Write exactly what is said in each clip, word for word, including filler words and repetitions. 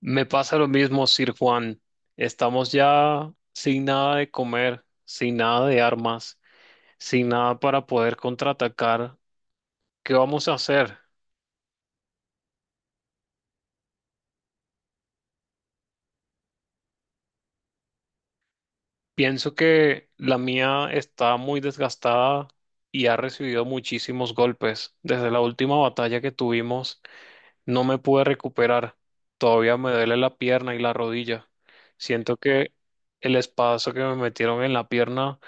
Me pasa lo mismo, Sir Juan. Estamos ya sin nada de comer, sin nada de armas, sin nada para poder contraatacar. ¿Qué vamos a hacer? Pienso que la mía está muy desgastada y ha recibido muchísimos golpes. Desde la última batalla que tuvimos, no me pude recuperar. Todavía me duele la pierna y la rodilla. Siento que el espadazo que me metieron en la pierna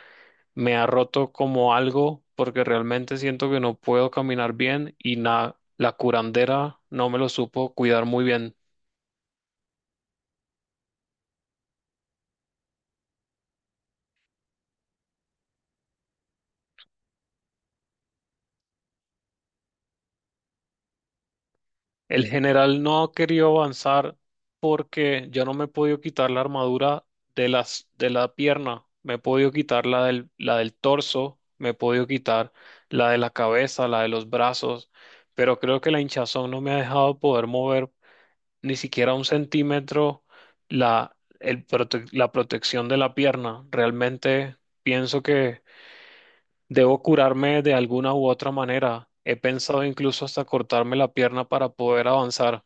me ha roto como algo porque realmente siento que no puedo caminar bien y na- la curandera no me lo supo cuidar muy bien. El general no ha querido avanzar porque yo no me he podido quitar la armadura de las de la pierna, me he podido quitar la del la del torso, me he podido quitar la de la cabeza, la de los brazos, pero creo que la hinchazón no me ha dejado poder mover ni siquiera un centímetro la, el prote- la protección de la pierna. Realmente pienso que debo curarme de alguna u otra manera. He pensado incluso hasta cortarme la pierna para poder avanzar.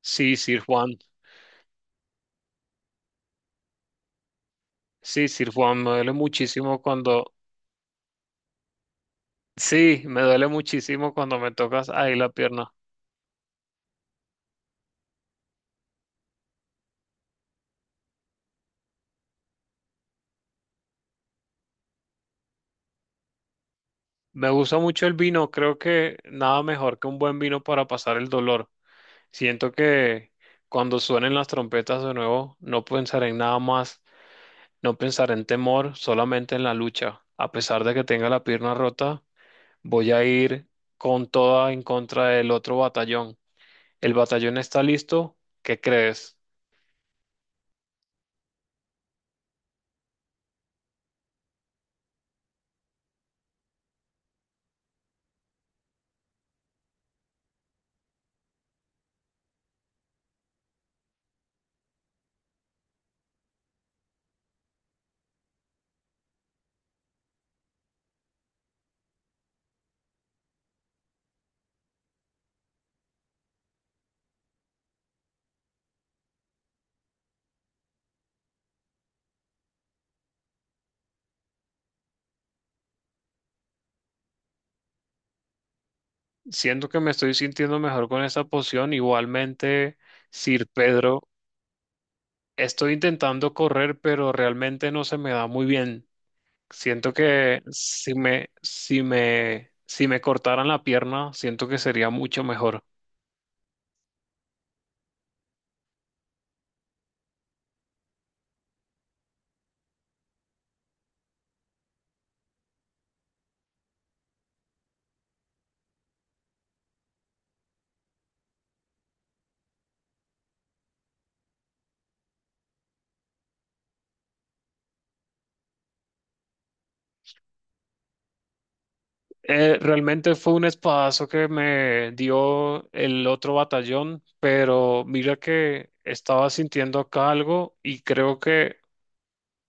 Sí, Sir Juan. Sí, Sir Juan, me duele muchísimo cuando... Sí, me duele muchísimo cuando me tocas ahí la pierna. Me gusta mucho el vino, creo que nada mejor que un buen vino para pasar el dolor. Siento que cuando suenen las trompetas de nuevo, no pensaré en nada más, no pensaré en temor, solamente en la lucha. A pesar de que tenga la pierna rota, voy a ir con toda en contra del otro batallón. ¿El batallón está listo? ¿Qué crees? Siento que me estoy sintiendo mejor con esa poción. Igualmente, Sir Pedro, estoy intentando correr, pero realmente no se me da muy bien. Siento que si me, si me, si me cortaran la pierna, siento que sería mucho mejor. Eh, realmente fue un espadazo que me dio el otro batallón, pero mira que estaba sintiendo acá algo y creo que,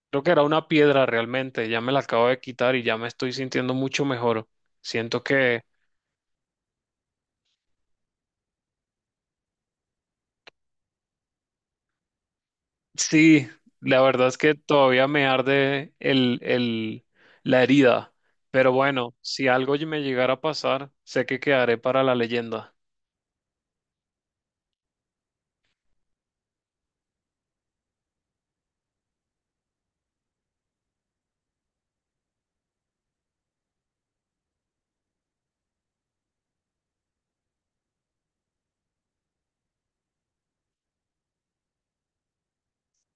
creo que era una piedra realmente. Ya me la acabo de quitar y ya me estoy sintiendo mucho mejor. Siento que sí, la verdad es que todavía me arde el, el, la herida, pero bueno, si algo me llegara a pasar, sé que quedaré para la leyenda.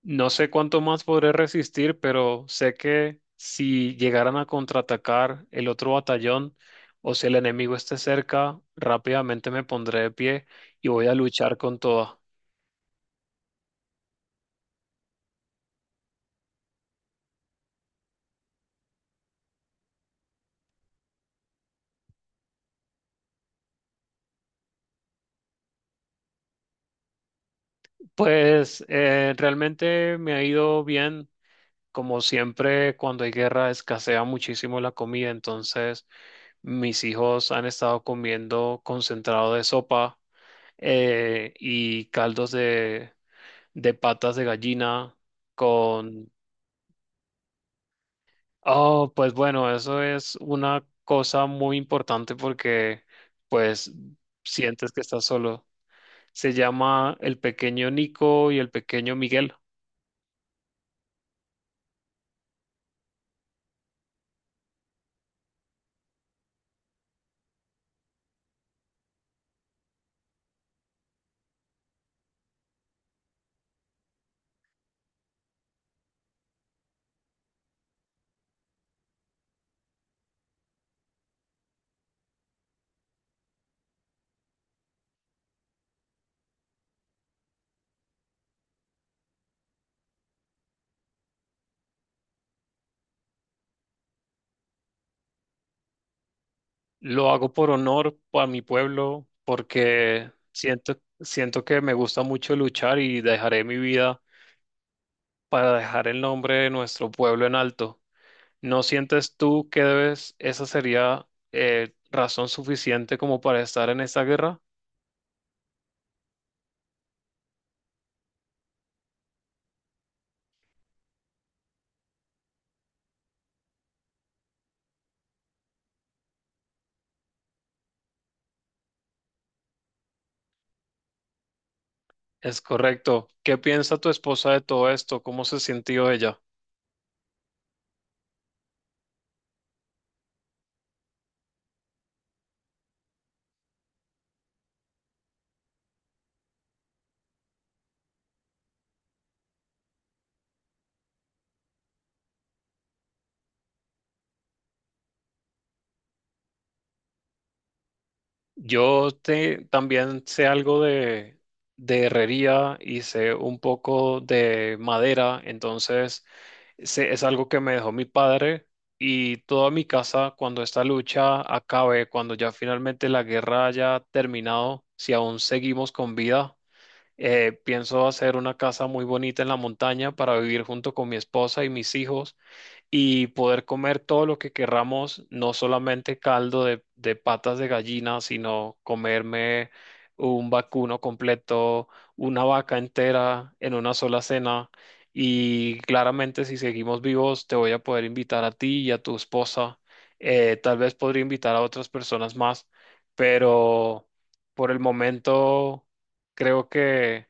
No sé cuánto más podré resistir, pero sé que si llegaran a contraatacar el otro batallón o si el enemigo esté cerca, rápidamente me pondré de pie y voy a luchar con todo. Pues eh, realmente me ha ido bien. Como siempre, cuando hay guerra escasea muchísimo la comida, entonces mis hijos han estado comiendo concentrado de sopa eh, y caldos de, de patas de gallina con... Oh, pues bueno, eso es una cosa muy importante porque pues sientes que estás solo. Se llama el pequeño Nico y el pequeño Miguel. Lo hago por honor a mi pueblo, porque siento, siento que me gusta mucho luchar y dejaré mi vida para dejar el nombre de nuestro pueblo en alto. ¿No sientes tú que debes, esa sería eh, razón suficiente como para estar en esta guerra? Es correcto. ¿Qué piensa tu esposa de todo esto? ¿Cómo se sintió ella? Yo te- también sé algo de, de herrería y sé un poco de madera, entonces sé- es algo que me dejó mi padre y toda mi casa cuando esta lucha acabe, cuando ya finalmente la guerra haya terminado, si aún seguimos con vida, eh, pienso hacer una casa muy bonita en la montaña para vivir junto con mi esposa y mis hijos y poder comer todo lo que querramos, no solamente caldo de, de patas de gallina, sino comerme un vacuno completo, una vaca entera en una sola cena. Y claramente si seguimos vivos, te voy a poder invitar a ti y a tu esposa. Eh, tal vez podría invitar a otras personas más, pero por el momento creo que...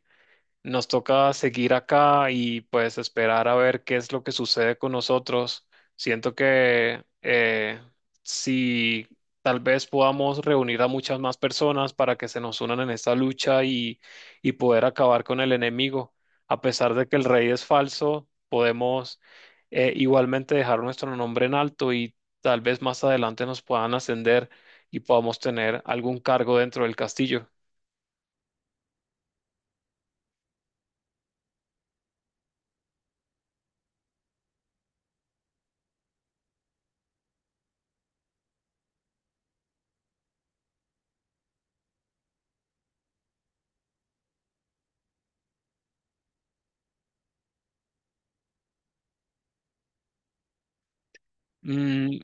Nos toca seguir acá y pues esperar a ver qué es lo que sucede con nosotros. Siento que eh, si tal vez podamos reunir a muchas más personas para que se nos unan en esta lucha y, y poder acabar con el enemigo. A pesar de que el rey es falso, podemos eh, igualmente dejar nuestro nombre en alto y tal vez más adelante nos puedan ascender y podamos tener algún cargo dentro del castillo. Mm,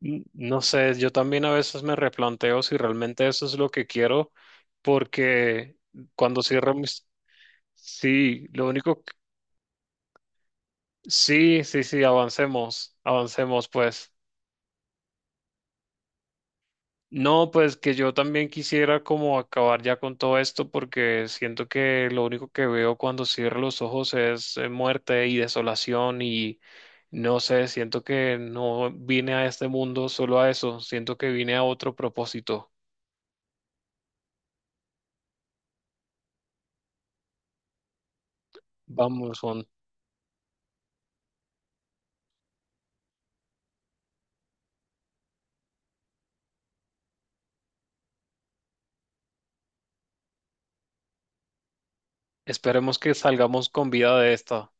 Mm, No sé, yo también a veces me replanteo si realmente eso es lo que quiero, porque cuando cierro mis... Sí, lo único... que- Sí, sí, sí, avancemos, avancemos, pues. No, pues que yo también quisiera como acabar ya con todo esto, porque siento que lo único que veo cuando cierro los ojos es eh, muerte y desolación y no sé, siento que no vine a este mundo solo a eso, siento que vine a otro propósito. Vamos, Juan. Esperemos que salgamos con vida de esta.